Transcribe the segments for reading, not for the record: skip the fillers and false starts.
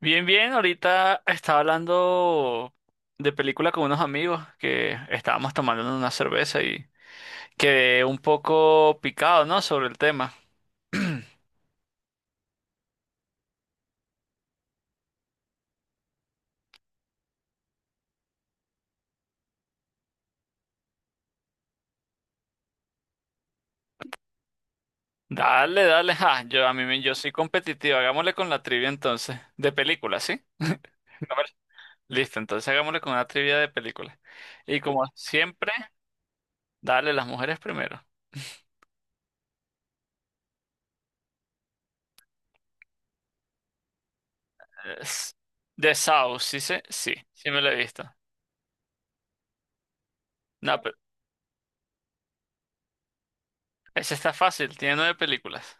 Bien, bien, ahorita estaba hablando de película con unos amigos que estábamos tomando una cerveza y quedé un poco picado, ¿no? Sobre el tema. Dale, dale, ja, yo a mí me- yo soy competitivo, hagámosle con la trivia entonces, de película, ¿sí? A ver. Listo, entonces hagámosle con una trivia de película. Y como siempre, dale las mujeres primero. Es- The South, sí, ¿sé? Sí, sí me lo he visto. No, pero ese está fácil, tiene nueve películas.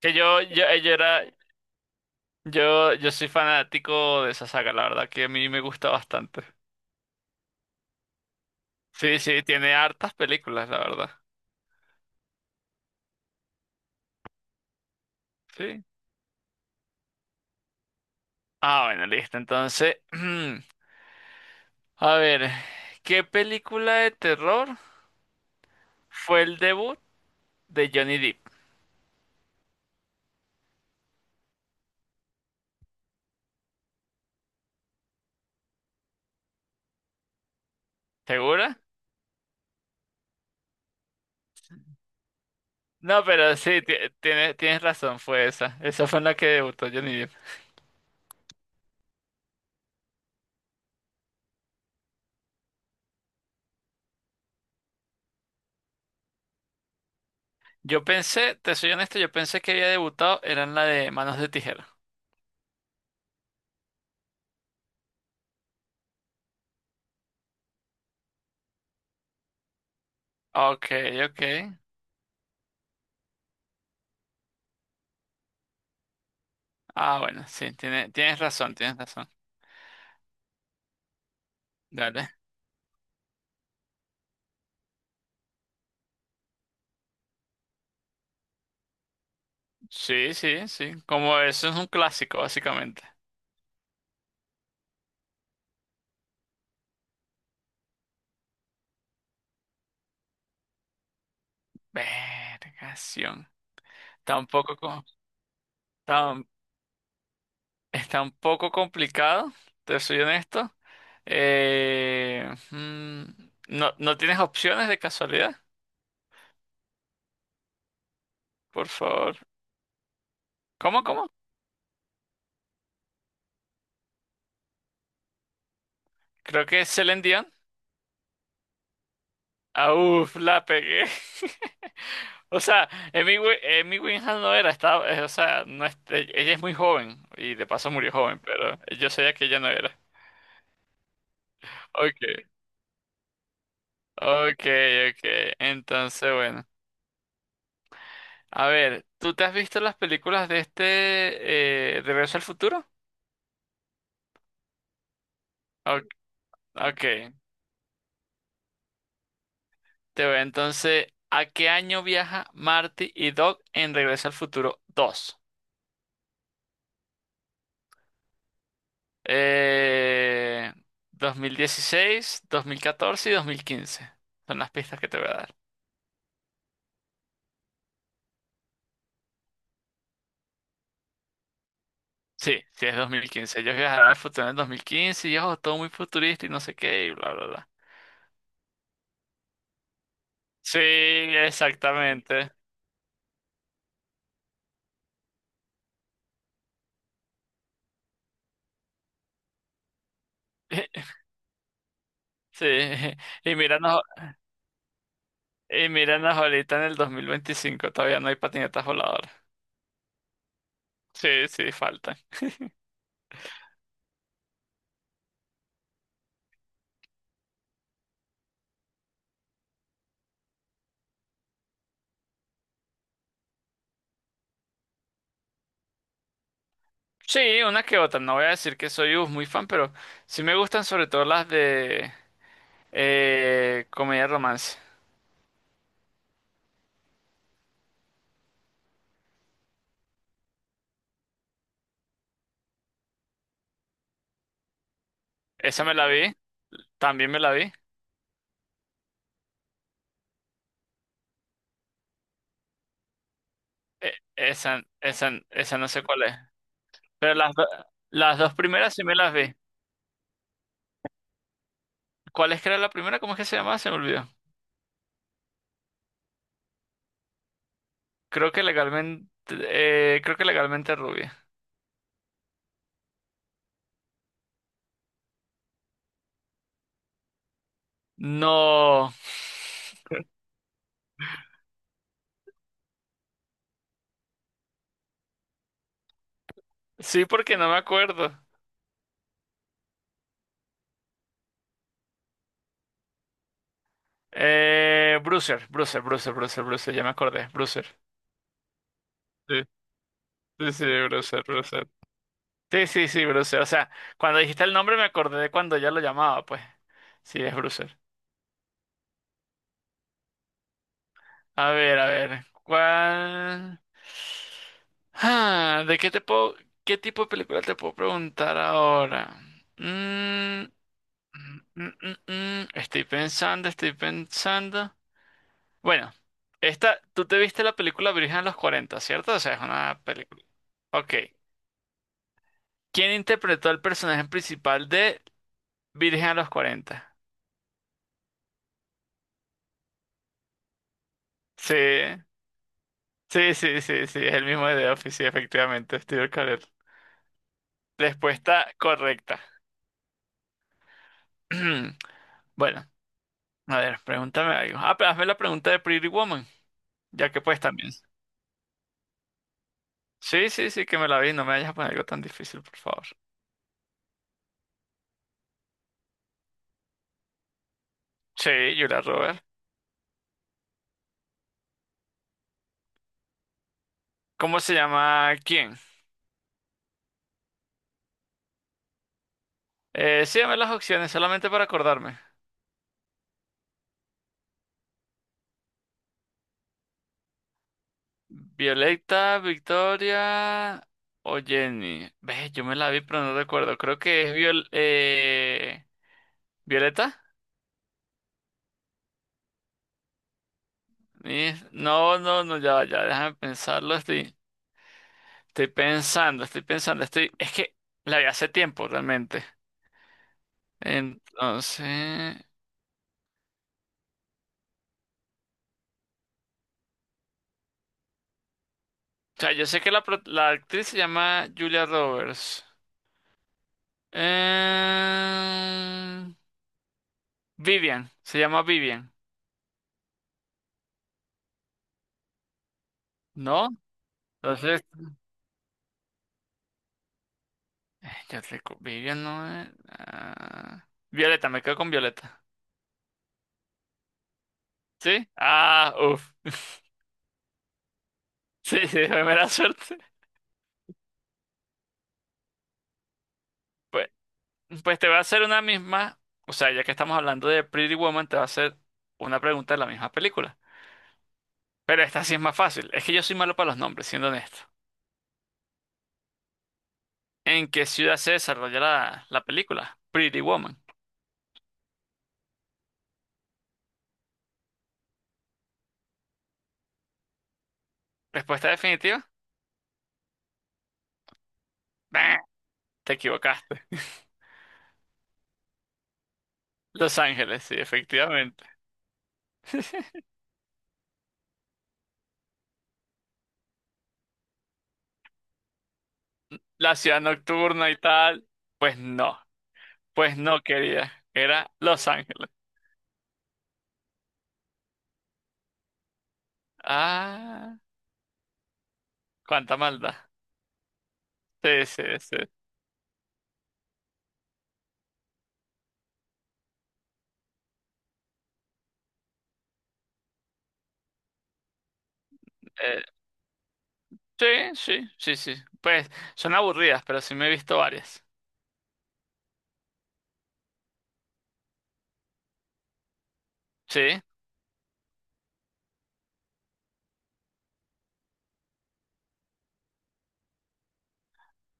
Que yo, yo soy fanático de esa saga, la verdad, que a mí me gusta bastante. Sí, sí, tiene hartas películas, la verdad. Sí. Ah, bueno, listo. Entonces, a ver, ¿qué película de terror fue el debut de Johnny Depp? ¿Segura? No, pero sí, tienes razón, fue esa. Esa fue en la que debutó Johnny Depp. Yo pensé, te soy honesto, yo pensé que había debutado, era en la de Manos de Tijera. Ok, ok. Ah, bueno, sí, tienes razón, tienes razón. Dale. Sí, sí, sí. Como eso es un clásico, básicamente. Vergación. Está un poco, co- está, un está un poco complicado, te soy honesto. Eh, mm, no, ¿no tienes opciones de casualidad? Por favor. ¿Cómo, cómo? Creo que es Celine Dion. Ah, uf, la pegué. O sea, Emi Winhouse no era, o sea, no es- ella es muy joven y de paso murió joven, pero yo sabía que ella no era. Ok. Okay, okay. Entonces, bueno. A ver, ¿tú te has visto las películas de este Regreso al Futuro? Ok, okay. Te voy Entonces, ¿a qué año viaja Marty y Doc en Regreso al Futuro 2? Eh, 2016, 2014 y 2015. Son las pistas que te voy a dar. Sí, sí es 2015. Ellos viajarán al futuro en el 2015 y ojo, todo muy futurista y no sé qué y bla, bla, bla. Sí, exactamente. Sí, y míranos, ahorita en el 2025 todavía no hay patinetas voladoras. Sí, sí, faltan. Sí, una que otra, no voy a decir que soy uf, muy fan, pero sí me gustan sobre todo las de comedia romance. Esa me la vi, también me la vi. Esa no sé cuál es. Pero las dos primeras sí me las vi. ¿Cuál es que era la primera? ¿Cómo es que se llamaba? Se me olvidó. Creo que legalmente rubia. No. Sí, porque no me acuerdo. Bruiser, Bruiser, Bruiser, Bruiser, Bruiser, ya me acordé, Bruiser. Sí, sí, sí, Bruiser, Bruiser. Sí, sí, sí, Bruiser. O sea, cuando dijiste el nombre me acordé de cuando ya lo llamaba, pues. Sí, es Bruiser. A ver, ¿cuál? Ah, ¿de qué te puedo, qué tipo de película te puedo preguntar ahora? Mm, mm, mm, mm, mm. Estoy pensando, estoy pensando. Bueno, esta, tú te viste la película Virgen a los 40, ¿cierto? O sea, es una película. Ok. ¿Quién interpretó al personaje principal de Virgen a los 40? Sí, sí, sí, sí, sí, es el mismo de The Office, sí, efectivamente, Steve Carell. Respuesta correcta. Bueno, a ver, pregúntame algo. Ah, pero hazme la pregunta de Pretty Woman, ya que pues también. Sí, sí, sí, que me la vi, no me vayas a poner algo tan difícil, por favor. Sí, Julia Roberts. ¿Cómo se llama quién? Sí, dame las opciones, solamente para acordarme. Violeta, Victoria o Jenny. Ve, yo me la vi, pero no recuerdo. Creo que es Violeta. No, no, no, ya, va, ya, déjame pensarlo. Estoy pensando, estoy pensando, estoy. Es que la vi hace tiempo, realmente. Entonces, o sea, yo sé que la actriz se llama Julia Roberts. Eh, Vivian, se llama Vivian, ¿no? Entonces. Vivian no es. Ah, Violeta, me quedo con Violeta. ¿Sí? Ah, uff. Sí, sí, de mera suerte. Pues, pues te voy a hacer una misma. O sea, ya que estamos hablando de Pretty Woman, te voy a hacer una pregunta de la misma película. Pero esta sí es más fácil. Es que yo soy malo para los nombres, siendo honesto. ¿En qué ciudad se desarrolla la película? Pretty Woman. ¿Respuesta definitiva? Bah, te equivocaste. Los Ángeles, sí, efectivamente. La ciudad nocturna y tal. Pues no. Pues no, era Los Ángeles. Ah, cuánta maldad. Sí, sí, sí. Eh, sí, sí, sí, sí. Pues son aburridas, pero sí me he visto varias. Sí,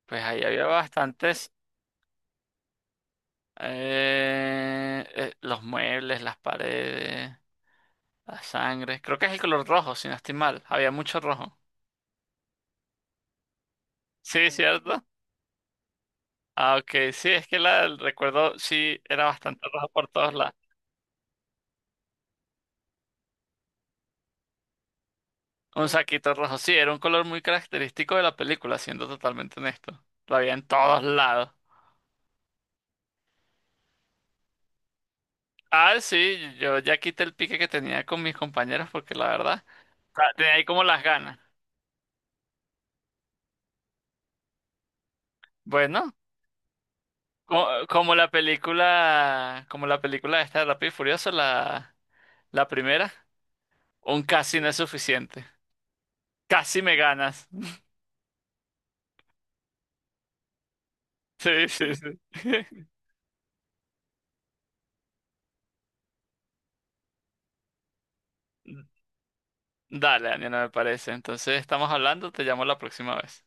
pues ahí había bastantes. Los muebles, las paredes, la sangre. Creo que es el color rojo, si no estoy mal. Había mucho rojo. Sí, ¿cierto? Ah, ok, sí, es que el recuerdo sí era bastante rojo por todos lados. Un saquito rojo, sí, era un color muy característico de la película, siendo totalmente honesto. Lo había en todos lados. Ah, sí, yo ya quité el pique que tenía con mis compañeros porque la verdad, o sea, tenía ahí como las ganas. Bueno, como la película esta de Rápido y Furioso, la primera, un casi no es suficiente. Casi me ganas. Sí, sí, sí. Dale, Ania, no me parece. Entonces estamos hablando, te llamo la próxima vez.